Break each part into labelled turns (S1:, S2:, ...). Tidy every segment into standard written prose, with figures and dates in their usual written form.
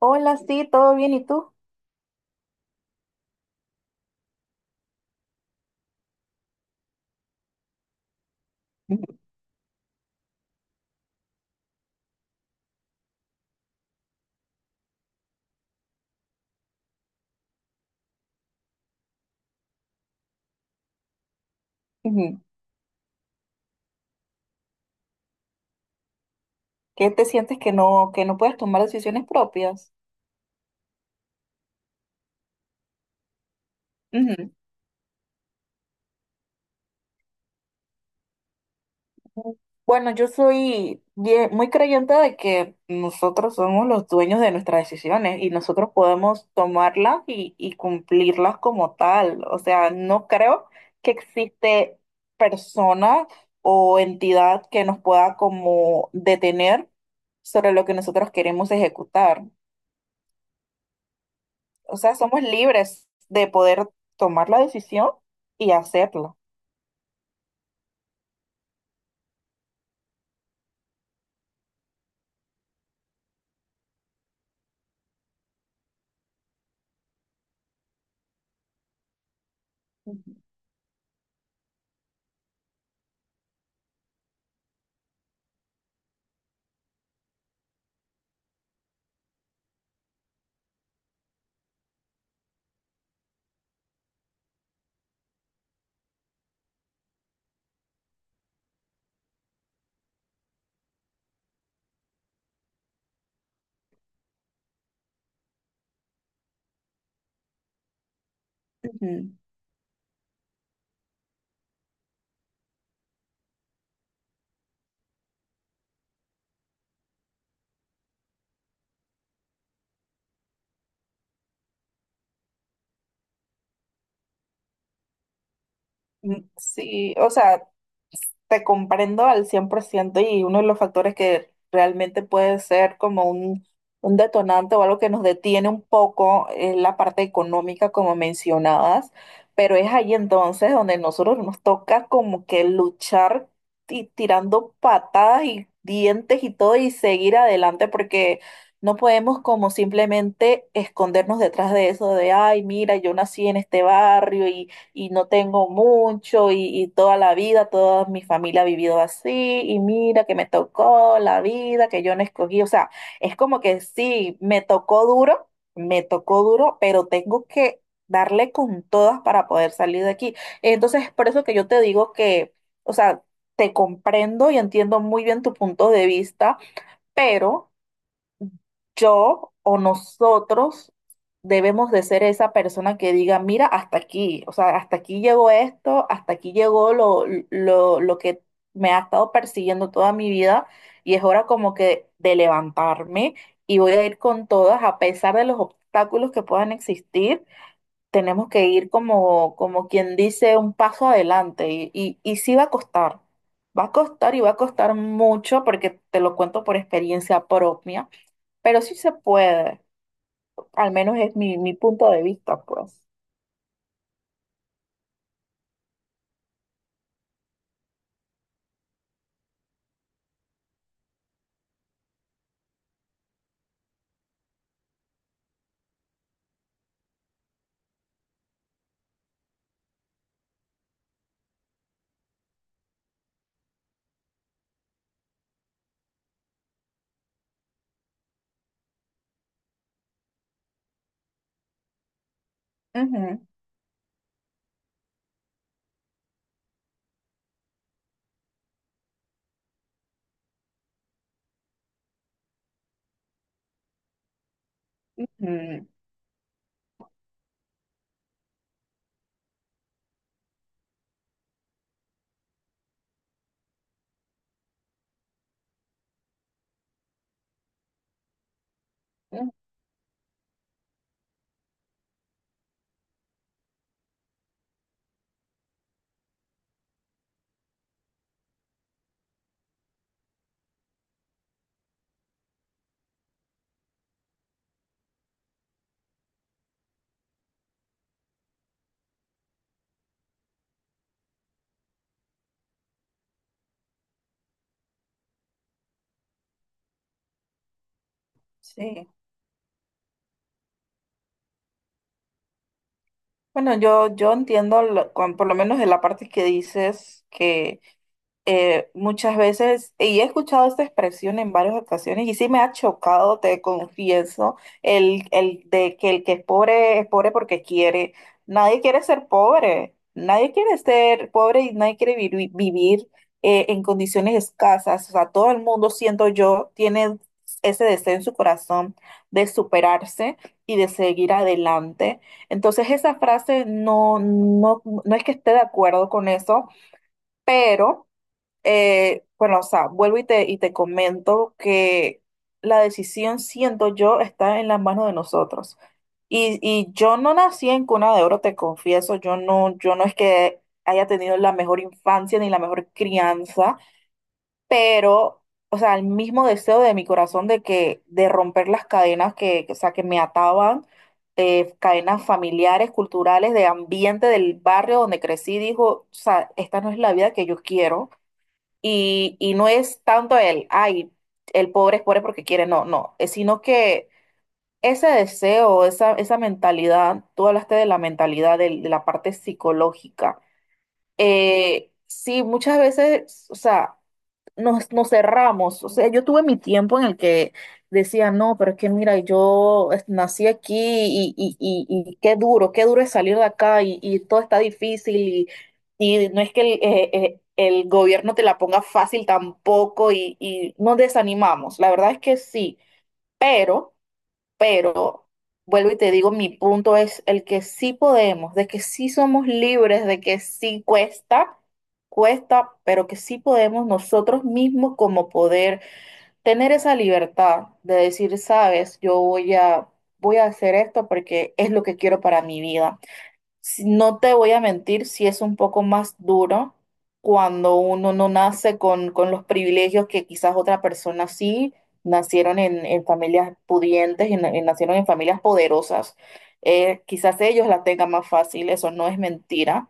S1: Hola, sí, todo bien, ¿y tú? Ujú, ujú. ¿Qué te sientes que que no puedes tomar decisiones propias? Ujú. Bueno, yo soy muy creyente de que nosotros somos los dueños de nuestras decisiones y nosotros podemos tomarlas y cumplirlas como tal. O sea, no creo que existe persona o entidad que nos pueda como detener sobre lo que nosotros queremos ejecutar. O sea, somos libres de poder tomar la decisión y hacerlo. Ujú. Mm, sí, o sea, te comprendo al 100% y uno de los factores que realmente puede ser como un detonante o algo que nos detiene un poco es la parte económica, como mencionabas, pero es ahí entonces donde nosotros nos toca como que luchar tirando patadas y dientes y todo y seguir adelante porque... No podemos como simplemente escondernos detrás de eso de, ay, mira, yo nací en este barrio y no tengo mucho y toda la vida, toda mi familia ha vivido así y mira que me tocó la vida que yo no escogí. O sea, es como que sí, me tocó duro, pero tengo que darle con todas para poder salir de aquí. Entonces, es por eso que yo te digo que, o sea, te comprendo y entiendo muy bien tu punto de vista, pero yo o nosotros debemos de ser esa persona que diga, mira, hasta aquí, o sea, hasta aquí llegó esto, hasta aquí llegó lo que me ha estado persiguiendo toda mi vida y es hora como que de levantarme y voy a ir con todas, a pesar de los obstáculos que puedan existir, tenemos que ir como, como quien dice, un paso adelante y sí va a costar. Va a costar y va a costar mucho porque te lo cuento por experiencia propia, pero sí se puede, al menos es mi punto de vista, pues. Ujú, ujú, ujú, sí. Bueno, yo entiendo, por lo menos de la parte que dices que... muchas veces, y he escuchado esta expresión en varias ocasiones, y sí me ha chocado, te confieso, el de que el que es pobre porque quiere. Nadie quiere ser pobre, nadie quiere ser pobre y nadie quiere vivir en condiciones escasas. O sea, todo el mundo, siento yo, tiene ese deseo en su corazón de superarse y de seguir adelante. Entonces, esa frase no es que esté de acuerdo con eso, pero... Bueno, o sea, vuelvo y y te comento que la decisión, siento yo, está en las manos de nosotros. Y yo no nací en cuna de oro, te confieso, yo no es que haya tenido la mejor infancia ni la mejor crianza, pero, o sea, el mismo deseo de mi corazón de que, de romper las cadenas que, o sea, que me ataban, cadenas familiares, culturales, de ambiente, del barrio donde crecí, dijo, o sea, esta no es la vida que yo quiero y no es tanto el, ay, el pobre es pobre porque quiere, no, no, es sino que ese deseo, esa mentalidad, tú hablaste de la mentalidad, de la parte psicológica. Sí, muchas veces, o sea, nos cerramos. O sea, yo tuve mi tiempo en el que decía, no, pero es que mira, nací aquí y qué duro es salir de acá y todo está difícil y no es que el gobierno te la ponga fácil tampoco y nos desanimamos. La verdad es que sí, pero... Pero vuelvo y te digo, mi punto es el que sí podemos, de que sí somos libres, de que sí cuesta, cuesta, pero que sí podemos nosotros mismos como poder tener esa libertad de decir, sabes, voy a hacer esto porque es lo que quiero para mi vida. No te voy a mentir, si es un poco más duro cuando uno no nace con los privilegios que quizás otra persona sí, nacieron en familias pudientes, nacieron en familias poderosas. Quizás ellos la tengan más fácil, eso no es mentira,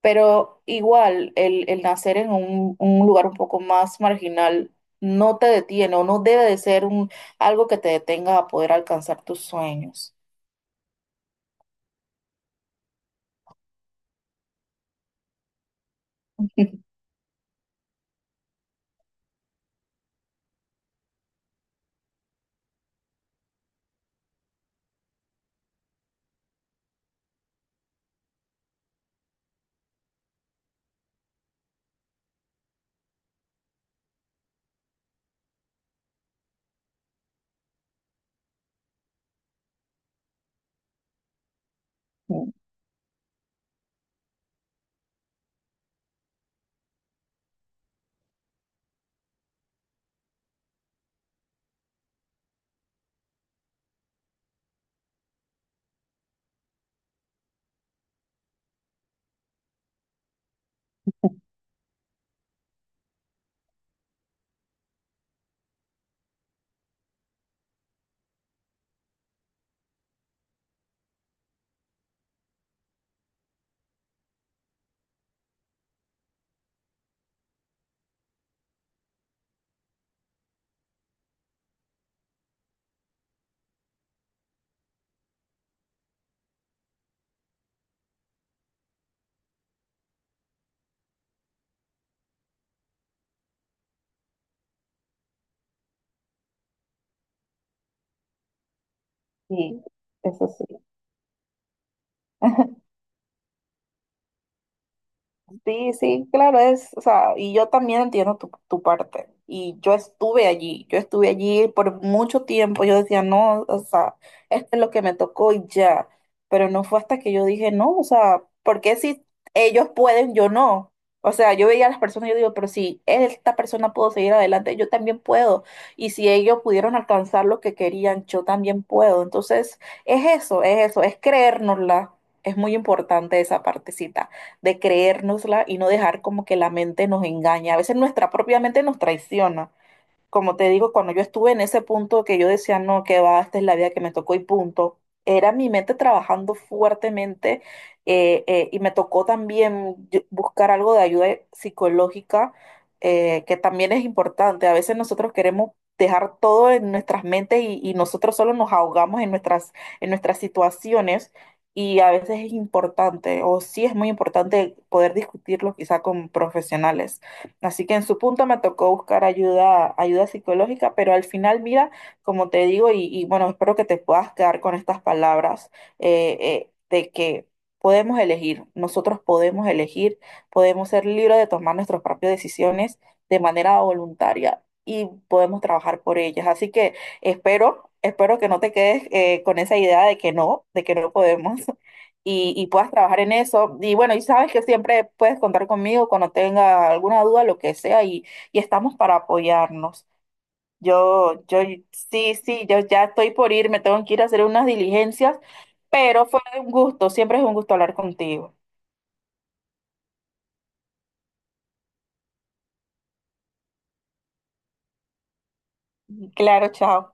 S1: pero igual el nacer en un lugar un poco más marginal no te detiene o no debe de ser un, algo que te detenga a poder alcanzar tus sueños. Sí, eso sí. Sí, sí, claro, es, o sea, y yo también entiendo tu parte. Y yo estuve allí por mucho tiempo. Yo decía, no, o sea, esto es lo que me tocó y ya. Pero no fue hasta que yo dije, no, o sea, ¿por qué si ellos pueden, yo no? O sea, yo veía a las personas y yo digo, pero si esta persona pudo seguir adelante, yo también puedo. Y si ellos pudieron alcanzar lo que querían, yo también puedo. Entonces, es eso, es eso, es creérnosla. Es muy importante esa partecita de creérnosla y no dejar como que la mente nos engañe. A veces nuestra propia mente nos traiciona, como te digo, cuando yo estuve en ese punto que yo decía, no, que va, esta es la vida que me tocó y punto, era mi mente trabajando fuertemente. Y me tocó también buscar algo de ayuda psicológica, que también es importante. A veces nosotros queremos dejar todo en nuestras mentes y nosotros solo nos ahogamos en en nuestras situaciones. Y a veces es importante, o sí es muy importante poder discutirlo quizá con profesionales. Así que en su punto me tocó buscar ayuda, ayuda psicológica, pero al final, mira, como te digo, y bueno, espero que te puedas quedar con estas palabras de que podemos elegir, nosotros podemos elegir, podemos ser libres de tomar nuestras propias decisiones de manera voluntaria y podemos trabajar por ellas. Así que espero, espero que no te quedes con esa idea de que no podemos y puedas trabajar en eso. Y bueno, y sabes que siempre puedes contar conmigo cuando tenga alguna duda, lo que sea, y estamos para apoyarnos. Yo, yo, sí, sí, yo ya estoy por ir, me tengo que ir a hacer unas diligencias, pero fue un gusto, siempre es un gusto hablar contigo. Claro, chao.